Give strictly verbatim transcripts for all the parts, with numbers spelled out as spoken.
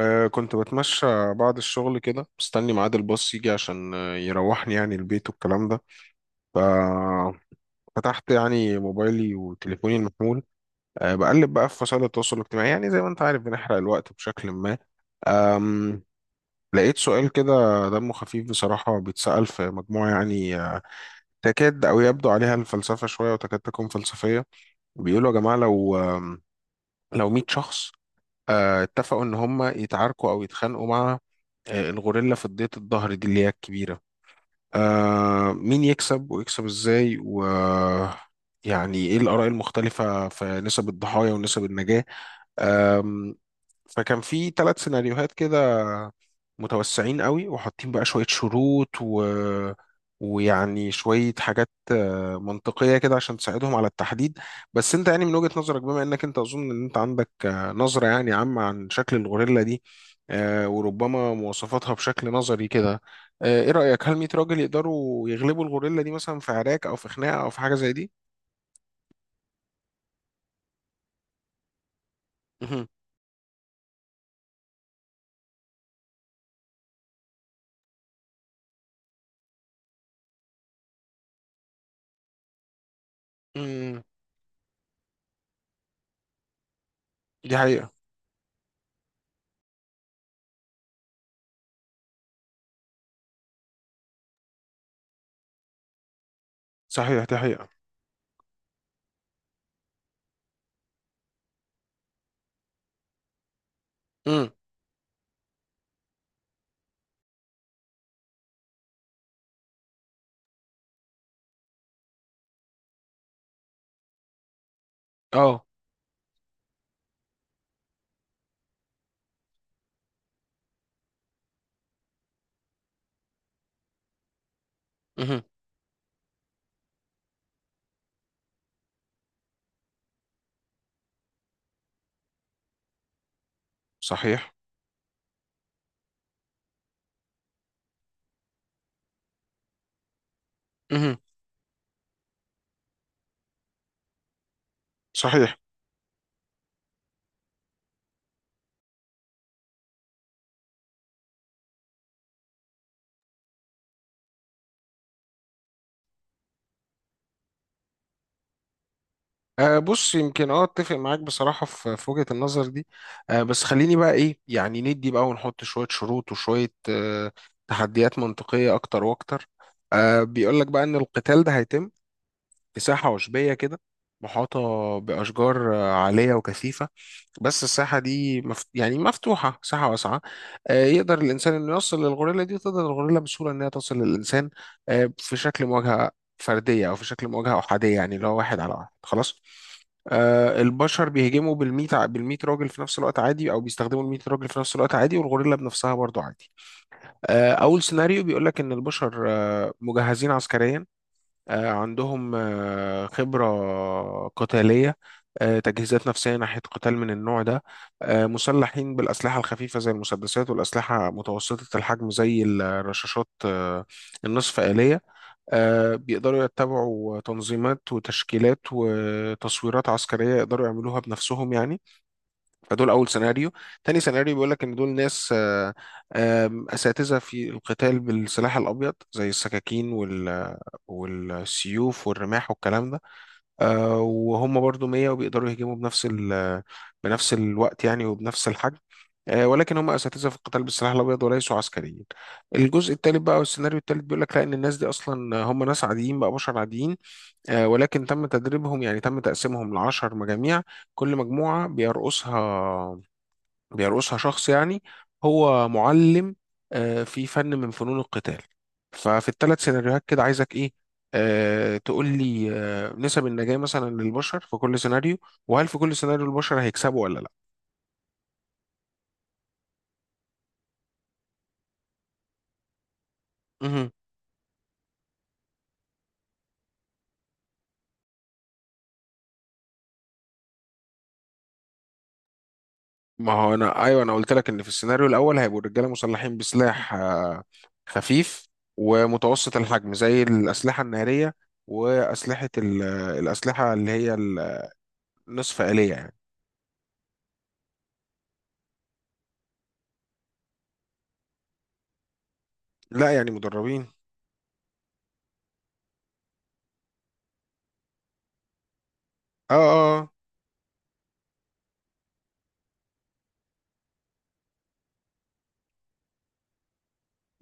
أه كنت بتمشى بعد الشغل كده مستني ميعاد الباص يجي عشان آه، يروحني يعني البيت والكلام ده. ففتحت يعني موبايلي وتليفوني المحمول. أه بقلب بقى في وسائل التواصل الاجتماعي، يعني زي ما انت عارف بنحرق الوقت بشكل ما. أم لقيت سؤال كده دمه خفيف بصراحة، بيتسأل في مجموعة يعني، آه، تكاد أو يبدو عليها الفلسفة شوية، وتكاد تكون فلسفية. بيقولوا يا جماعة، لو آم، لو مية شخص آه، اتفقوا ان هم يتعاركوا او يتخانقوا مع آه، الغوريلا في ضية الظهر دي اللي هي الكبيرة، آه، مين يكسب ويكسب ازاي؟ و يعني ايه الآراء المختلفة في نسب الضحايا ونسب النجاة؟ آه فكان في ثلاث سيناريوهات كده، متوسعين قوي وحاطين بقى شوية شروط، و ويعني شوية حاجات آه، منطقية كده عشان تساعدهم على التحديد. بس انت يعني من وجهة نظرك، بما انك انت اظن ان انت عندك آه، نظرة يعني عامة عن شكل الغوريلا دي، آه، وربما مواصفاتها بشكل نظري كده، آه، ايه رأيك، هل مية راجل يقدروا يغلبوا الغوريلا دي مثلا في عراك او في خناقة او في حاجة زي دي؟ مهم. مم. دي حقيقة. صحيح، دي حقيقة. مم. اه. مهم. صحيح. مهم. صحيح. أه بص يمكن، اه، اتفق معاك بصراحة في في وجهة النظر دي. أه بس خليني بقى ايه، يعني ندي بقى ونحط شوية شروط وشوية أه تحديات منطقية اكتر واكتر. أه بيقول لك بقى ان القتال ده هيتم في عشبية كده محاطة بأشجار آه، عالية وكثيفة. بس الساحة دي مف... يعني مفتوحة، ساحة واسعة، آه، يقدر الإنسان إنه يوصل للغوريلا دي، وتقدر الغوريلا بسهولة إنها توصل للإنسان، آه، في شكل مواجهة فردية أو في شكل مواجهة أحادية، يعني اللي هو واحد على واحد خلاص. آه، البشر بيهجموا بالميت ع- بالميت راجل في نفس الوقت عادي، أو بيستخدموا الميت راجل في نفس الوقت عادي، والغوريلا بنفسها برضو عادي. آه، أول سيناريو بيقول لك إن البشر آه، مجهزين عسكريا، آه، عندهم آه، خبرة قتالية، آه، تجهيزات نفسية ناحية قتال من النوع ده، آه، مسلحين بالأسلحة الخفيفة زي المسدسات، والأسلحة متوسطة الحجم زي الرشاشات آه، النصف آلية، آه، بيقدروا يتبعوا تنظيمات وتشكيلات وتصويرات عسكرية يقدروا يعملوها بنفسهم يعني. فدول أول سيناريو. تاني سيناريو بيقولك إن دول ناس آه، آم، أساتذة في القتال بالسلاح الأبيض، زي السكاكين وال والسيوف والرماح والكلام ده. آه وهم برضو مية، وبيقدروا يهجموا بنفس ال بنفس الوقت يعني، وبنفس الحجم، آه ولكن هم اساتذه في القتال بالسلاح الابيض وليسوا عسكريين. الجزء الثالث بقى، والسيناريو الثالث بيقول لك لا، ان الناس دي اصلا هم ناس عاديين بقى، بشر عاديين، آه ولكن تم تدريبهم، يعني تم تقسيمهم ل عشر مجاميع، كل مجموعه بيرقصها بيرقصها شخص يعني هو معلم آه، في فن من فنون القتال. ففي الثلاث سيناريوهات كده عايزك ايه، آه تقول لي آه نسب النجاة مثلا للبشر في كل سيناريو، وهل في كل سيناريو البشر هيكسبوا ولا لا؟ مهم. ما هو انا ايوه، انا قلت لك ان في السيناريو الاول هيبقوا الرجاله مسلحين بسلاح آه خفيف، ومتوسط الحجم زي الاسلحه الناريه، واسلحه ال- الاسلحه اللي هي النصف آلية يعني. لا يعني مدربين. اه اه آه.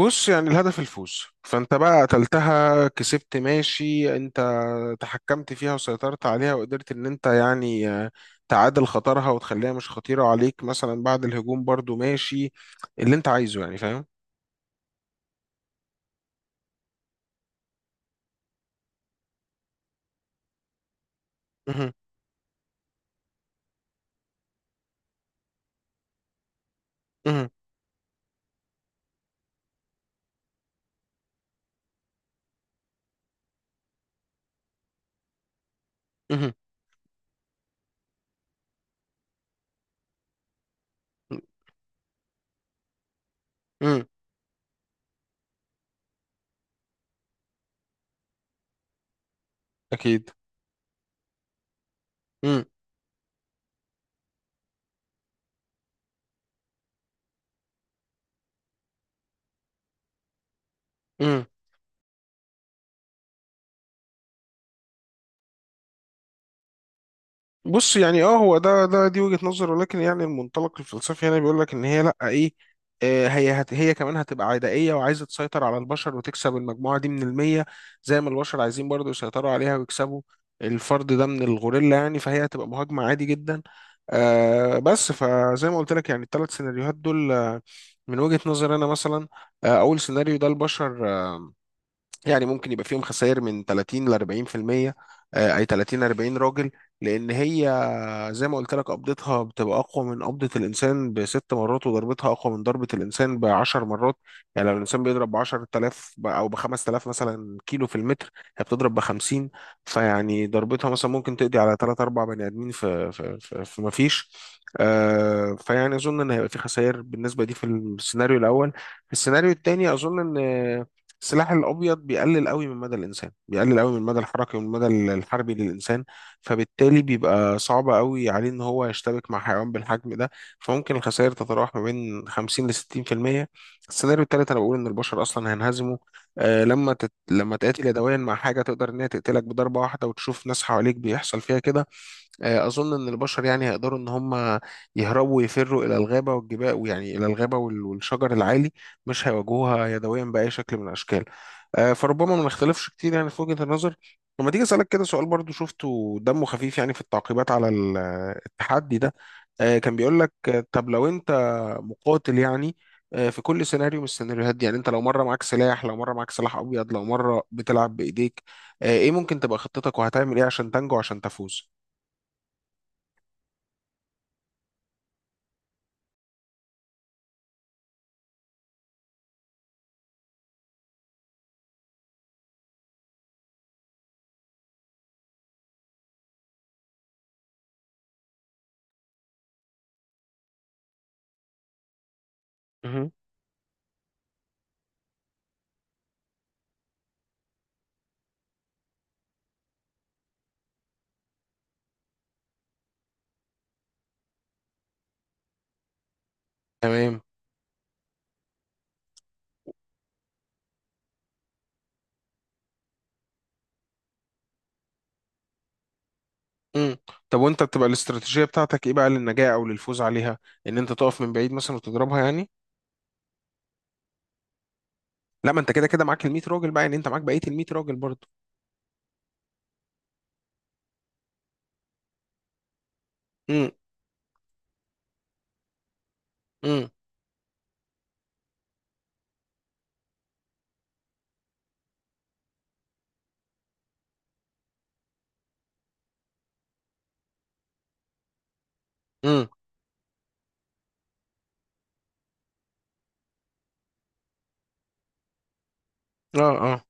بص يعني الهدف الفوز، فانت بقى قتلتها كسبت، ماشي، انت تحكمت فيها وسيطرت عليها وقدرت ان انت يعني آه، تعادل خطرها وتخليها مش خطيرة عليك مثلا بعد الهجوم، برضو ماشي اللي انت عايزه يعني، فاهم؟ مهم. مهم. مهم. مهم. اكيد. مهم. بص يعني اه، هو ده ده دي وجهة نظر، ولكن يعني المنطلق الفلسفي هنا بيقول لك ان هي لا ايه، آه، هي هت هي كمان هتبقى عدائية وعايزة تسيطر على البشر وتكسب المجموعة دي من المية، زي ما البشر عايزين برضو يسيطروا عليها ويكسبوا الفرد ده من الغوريلا يعني، فهي هتبقى مهاجمة عادي جدا. آه بس فزي ما قلت لك، يعني الثلاث سيناريوهات دول آه، من وجهة نظر انا مثلا، آه، اول سيناريو ده البشر آه، يعني ممكن يبقى فيهم خسائر من تلاتين ل اربعين في المية، آه، اي تلاتين اربعين راجل، لان هي زي ما قلت لك قبضتها بتبقى أقوى من قبضة الإنسان بست مرات، وضربتها أقوى من ضربة الإنسان بعشر مرات، يعني لو الإنسان بيضرب بعشرة آلاف ب- أو بخمس آلاف مثلا كيلو في المتر، هي بتضرب بخمسين. فيعني ضربتها مثلا ممكن تقضي على تلات أربع بني آدمين في في في, في مفيش. آه فيعني أظن إن هيبقى في خسائر بالنسبة دي في السيناريو الأول. في السيناريو التاني أظن إن آه، السلاح الأبيض بيقلل قوي من مدى الإنسان، بيقلل قوي من المدى الحركي والمدى الحربي للإنسان، فبالتالي بيبقى صعب قوي عليه ان هو يشتبك مع حيوان بالحجم ده، فممكن الخسائر تتراوح ما بين خمسين ل ستين في المية. السيناريو التالت انا بقول ان البشر اصلا هينهزموا، آه لما تت... لما تقاتل يدويا مع حاجه تقدر ان هي تقتلك بضربه واحده وتشوف ناس حواليك بيحصل فيها كده، آه، اظن ان البشر يعني هيقدروا ان هم يهربوا ويفروا الى الغابه والجبال، ويعني الى الغابه وال- والشجر العالي، مش هيواجهوها يدويا باي شكل من الاشكال. آه، فربما ما نختلفش كتير يعني في وجهه النظر. لما تيجي اسالك كده سؤال برضو شفته دمه خفيف، يعني في التعقيبات على ال- التحدي ده، آه، كان بيقول لك آه، طب لو انت مقاتل يعني، آه، في كل سيناريو من السيناريوهات دي، يعني انت لو مره معاك سلاح، لو مره معاك سلاح ابيض، لو مره بتلعب بايديك، آه، ايه ممكن تبقى خطتك؟ وهتعمل ايه عشان تنجو، عشان تفوز؟ تمام. امم. طب وانت بتبقى الاستراتيجيه بتاعتك ايه بقى للنجاه او للفوز عليها؟ ان انت تقف من بعيد مثلا وتضربها يعني؟ لا، ما انت كده كده معاك ال مية راجل بقى، يعني انت معاك بقيه ال مية راجل برضه. امم. امم. امم. اه.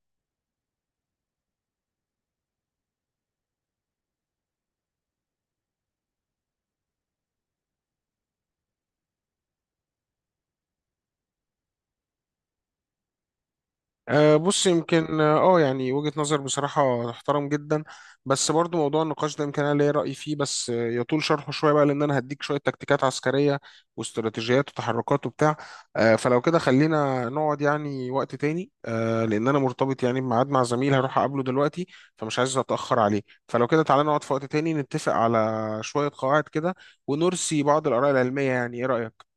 أه بص يمكن اه، آه، يعني وجهة نظر بصراحة تحترم جدا. بس برضو موضوع النقاش ده يمكن انا ليا رأي فيه، بس آه، يطول شرحه شوية بقى، لان انا هديك شوية تكتيكات عسكرية واستراتيجيات وتحركات وبتاع. أه فلو كده خلينا نقعد يعني وقت تاني، أه لان انا مرتبط يعني بميعاد مع زميل هروح اقابله دلوقتي، فمش عايز اتأخر عليه. فلو كده تعالى نقعد في وقت تاني، نتفق على شوية قواعد كده، ونرسي بعض الآراء العلمية، يعني ايه رأيك؟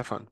اتفقنا.